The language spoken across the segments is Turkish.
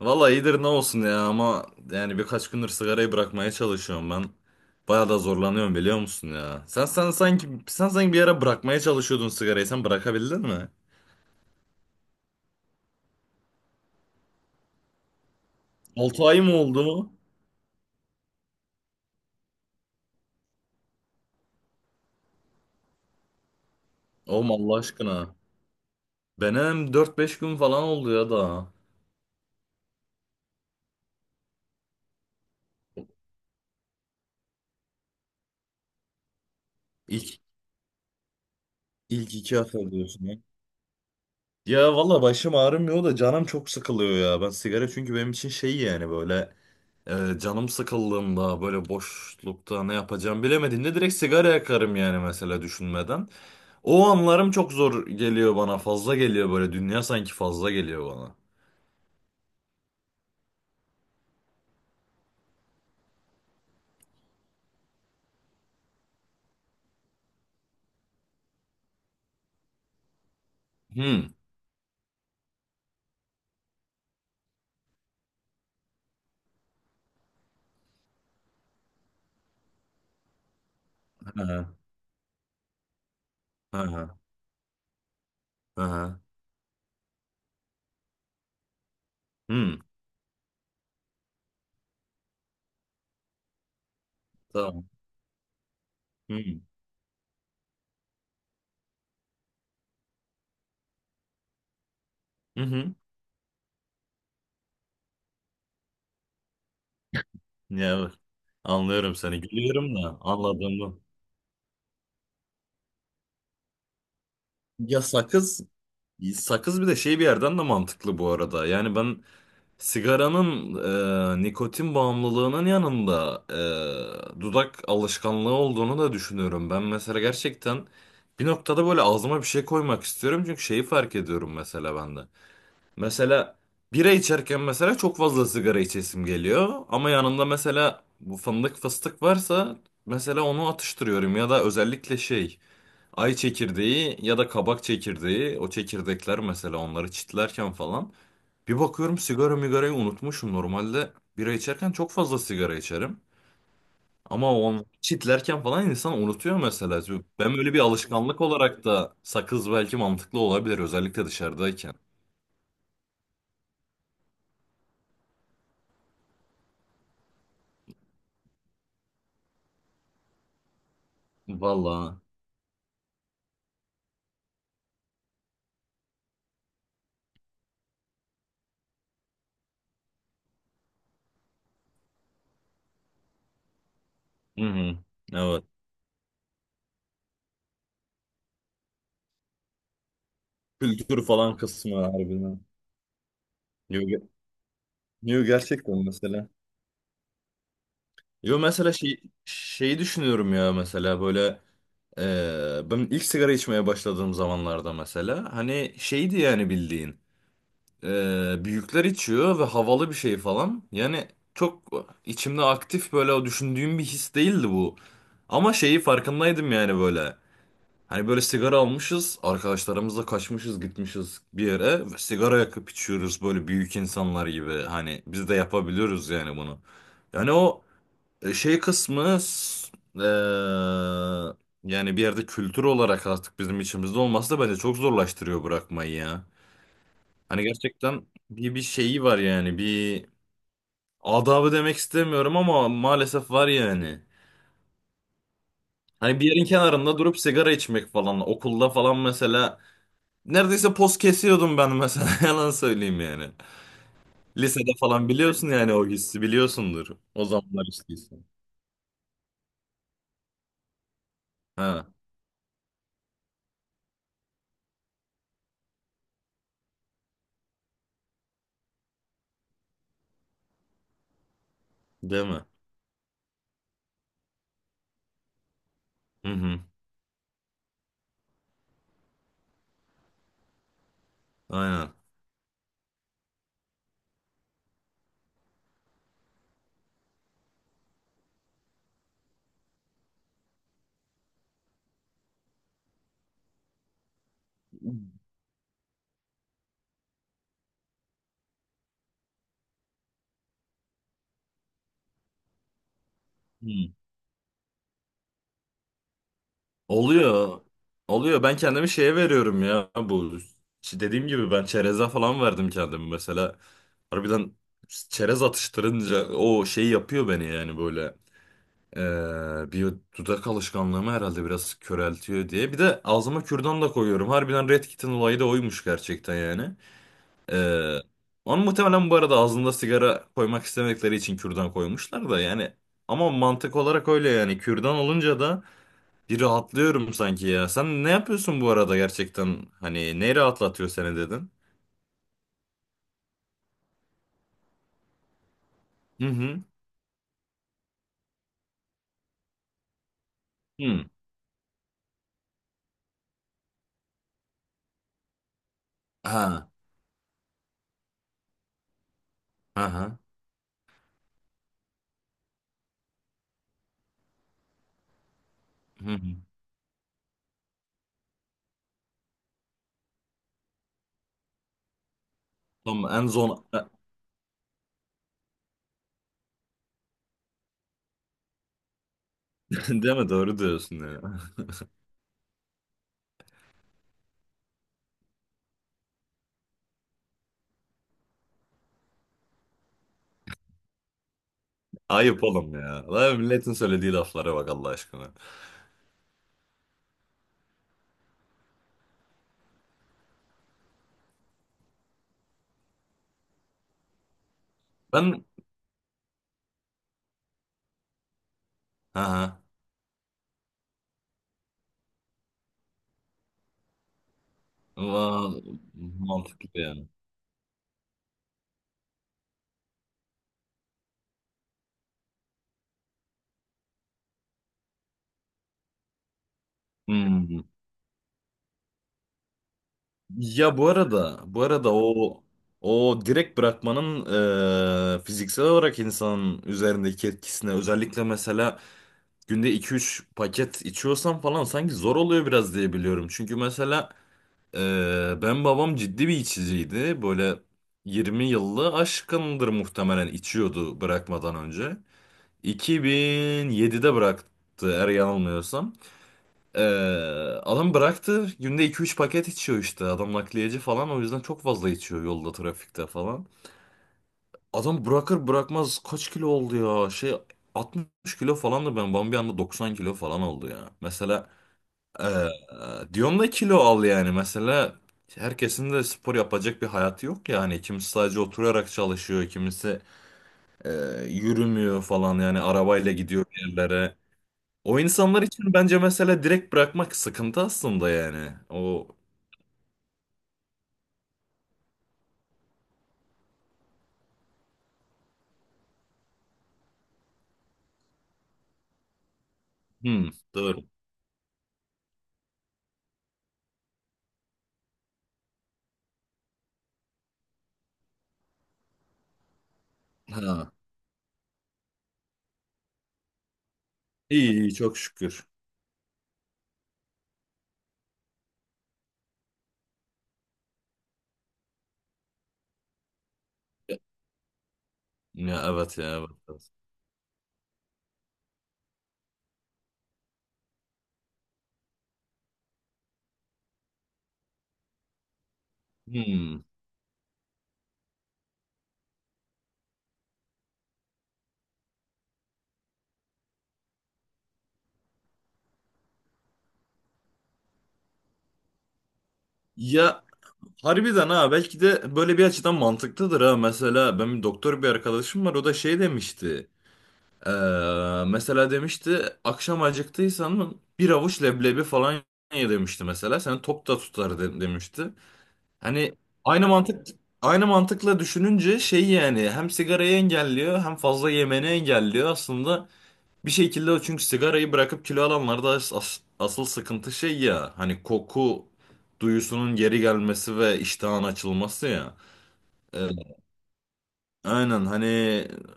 Valla iyidir, ne olsun ya, ama yani birkaç gündür sigarayı bırakmaya çalışıyorum ben. Baya da zorlanıyorum, biliyor musun ya? Sen sanki bir ara bırakmaya çalışıyordun sigarayı. Sen bırakabildin mi? 6 ay mı oldu? Oğlum Allah aşkına. Benim dört beş gün falan oldu ya da. İlk ilk iki hafta diyorsun ya. Ya valla başım ağrımıyor da canım çok sıkılıyor ya. Ben sigara, çünkü benim için şey, yani böyle... Canım sıkıldığında böyle boşlukta ne yapacağım bilemediğimde direkt sigara yakarım, yani mesela düşünmeden. O anlarım çok zor geliyor bana, fazla geliyor, böyle dünya sanki fazla geliyor bana. Hmm. Hı hı, hı hı. Hı. Hmm. Tamam. Hmm. Hı hı. Ya evet. Anlıyorum seni, gülüyorum da anladığımı. Ya sakız bir de şey, bir yerden de mantıklı bu arada. Yani ben... Sigaranın... Nikotin bağımlılığının yanında dudak alışkanlığı olduğunu da düşünüyorum. Ben mesela gerçekten bir noktada böyle ağzıma bir şey koymak istiyorum. Çünkü şeyi fark ediyorum mesela bende. Mesela bira içerken mesela çok fazla sigara içesim geliyor. Ama yanında mesela bu fındık fıstık varsa mesela onu atıştırıyorum. Ya da özellikle şey... Ay çekirdeği ya da kabak çekirdeği, o çekirdekler mesela, onları çitlerken falan bir bakıyorum sigara migarayı unutmuşum. Normalde bira içerken çok fazla sigara içerim. Ama o çitlerken falan insan unutuyor mesela. Ben böyle bir alışkanlık olarak da sakız belki mantıklı olabilir, özellikle dışarıdayken. Vallahi. Hı hı. Evet. Kültür falan kısmı harbiden. Yo, ge- yo, gerçekten mesela. Yo mesela şeyi düşünüyorum ya, mesela böyle... Ben ilk sigara içmeye başladığım zamanlarda mesela hani şeydi yani, bildiğin büyükler içiyor ve havalı bir şey falan yani. Çok içimde aktif böyle o düşündüğüm bir his değildi bu, ama şeyi farkındaydım yani böyle, hani böyle sigara almışız arkadaşlarımızla, kaçmışız gitmişiz bir yere ve sigara yakıp içiyoruz böyle büyük insanlar gibi, hani biz de yapabiliyoruz yani bunu. Yani o şey kısmı, yani bir yerde kültür olarak artık bizim içimizde olması da bence çok zorlaştırıyor bırakmayı ya. Hani gerçekten bir şeyi var yani, bir adabı demek istemiyorum ama maalesef var yani. Hani bir yerin kenarında durup sigara içmek falan, okulda falan mesela neredeyse poz kesiyordum ben mesela, yalan söyleyeyim yani. Lisede falan biliyorsun yani, o hissi biliyorsundur. O zamanlar hissiysen. Ha, değil mi? Hı hı. Aynen. Oluyor. Oluyor. Ben kendimi şeye veriyorum ya, bu... Dediğim gibi ben çereze falan verdim kendimi mesela. Harbiden çerez atıştırınca o şey yapıyor beni yani böyle. Bir dudak alışkanlığımı herhalde biraz köreltiyor diye. Bir de ağzıma kürdan da koyuyorum. Harbiden Red Kit'in olayı da oymuş gerçekten yani. Ee, Onu muhtemelen bu arada ağzında sigara koymak istemedikleri için kürdan koymuşlar da yani. Ama mantık olarak öyle yani. Kürdan olunca da bir rahatlıyorum sanki ya. Sen ne yapıyorsun bu arada gerçekten? Hani ne rahatlatıyor seni dedin? Hı hı. Hı. Ha. Aha. Hı hı. Tamam, en son değil mi, doğru diyorsun ya. Ayıp oğlum ya. Lan milletin söylediği laflara bak Allah aşkına. Ben... Aha. Va- Mantıklı yani. Hmm. Ya bu arada o direkt bırakmanın fiziksel olarak insanın üzerindeki etkisine, özellikle mesela günde iki üç paket içiyorsam falan sanki zor oluyor biraz diye biliyorum. Çünkü mesela e, ben, babam ciddi bir içiciydi. Böyle 20 yıllı aşkındır muhtemelen içiyordu bırakmadan önce. 2007'de bıraktı eğer yanılmıyorsam. E, Adam bıraktı, günde iki üç paket içiyor işte. Adam nakliyeci falan, o yüzden çok fazla içiyor, yolda trafikte falan. Adam bırakır bırakmaz kaç kilo oldu ya, şey, 60 kilo falandı ben. Bambi anda 90 kilo falan oldu ya. Mesela ee, diyorum da, kilo al yani mesela, herkesin de spor yapacak bir hayatı yok yani, kimisi sadece oturarak çalışıyor, kimisi e, yürümüyor falan yani, arabayla gidiyor bir yerlere. O insanlar için bence mesela direkt bırakmak sıkıntı aslında yani. O, hmm, doğru. Ha, iyi iyi, çok şükür. Ya evet, ya evet. Evet. Hmm. Ya harbiden ha, belki de böyle bir açıdan mantıklıdır ha. Mesela benim doktor bir arkadaşım var, o da şey demişti. Mesela demişti akşam acıktıysan mı bir avuç leblebi falan ye, demişti mesela. Seni tok da tutar, demişti. Hani aynı mantık aynı mantıkla düşününce şey yani, hem sigarayı engelliyor hem fazla yemeni engelliyor aslında bir şekilde o, çünkü sigarayı bırakıp kilo alanlarda asıl sıkıntı şey ya, hani koku duyusunun geri gelmesi ve iştahın açılması ya. Ee, Aynen, hani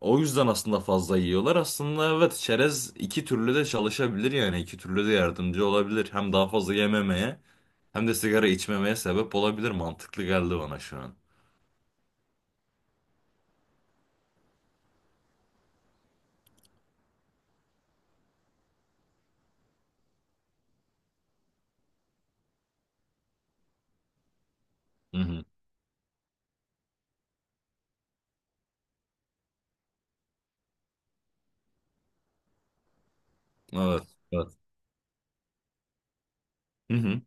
o yüzden aslında fazla yiyorlar. Aslında evet, çerez iki türlü de çalışabilir yani, iki türlü de yardımcı olabilir. Hem daha fazla yememeye hem de sigara içmemeye sebep olabilir. Mantıklı geldi bana şu an. Hı hı. Evet. Evet. Hı hı.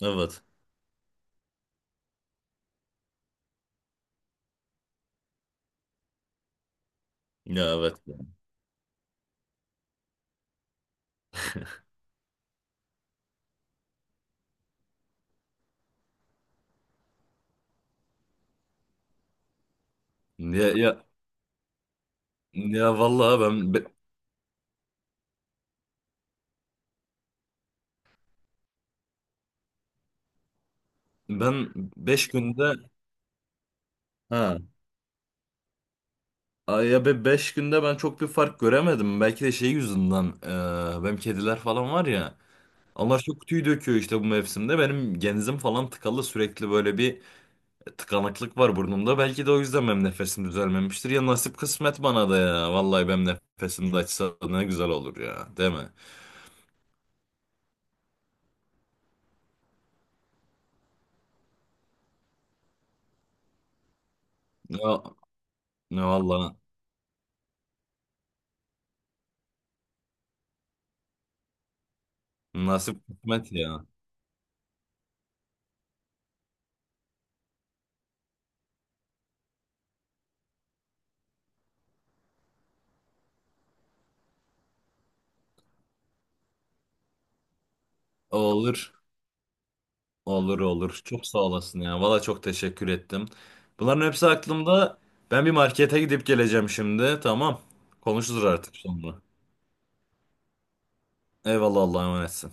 Evet. Ya evet. Ya ya ya vallahi ben 5 günde, ha... Ay ya, be beş günde ben çok bir fark göremedim. Belki de şey yüzünden, benim kediler falan var ya. Allah şu kutuyu döküyor işte bu mevsimde. Benim genzim falan tıkalı sürekli, böyle bir tıkanıklık var burnumda. Belki de o yüzden benim nefesim düzelmemiştir. Ya nasip kısmet bana da ya. Vallahi benim nefesim de açsa ne güzel olur ya. Değil mi? Ne, ne valla, nasip kısmet ya. Olur. Olur, olur. Çok sağ olasın ya. Valla çok teşekkür ettim. Bunların hepsi aklımda. Ben bir markete gidip geleceğim şimdi. Tamam. Konuşuruz artık sonra. Eyvallah, Allah'a emanetsin.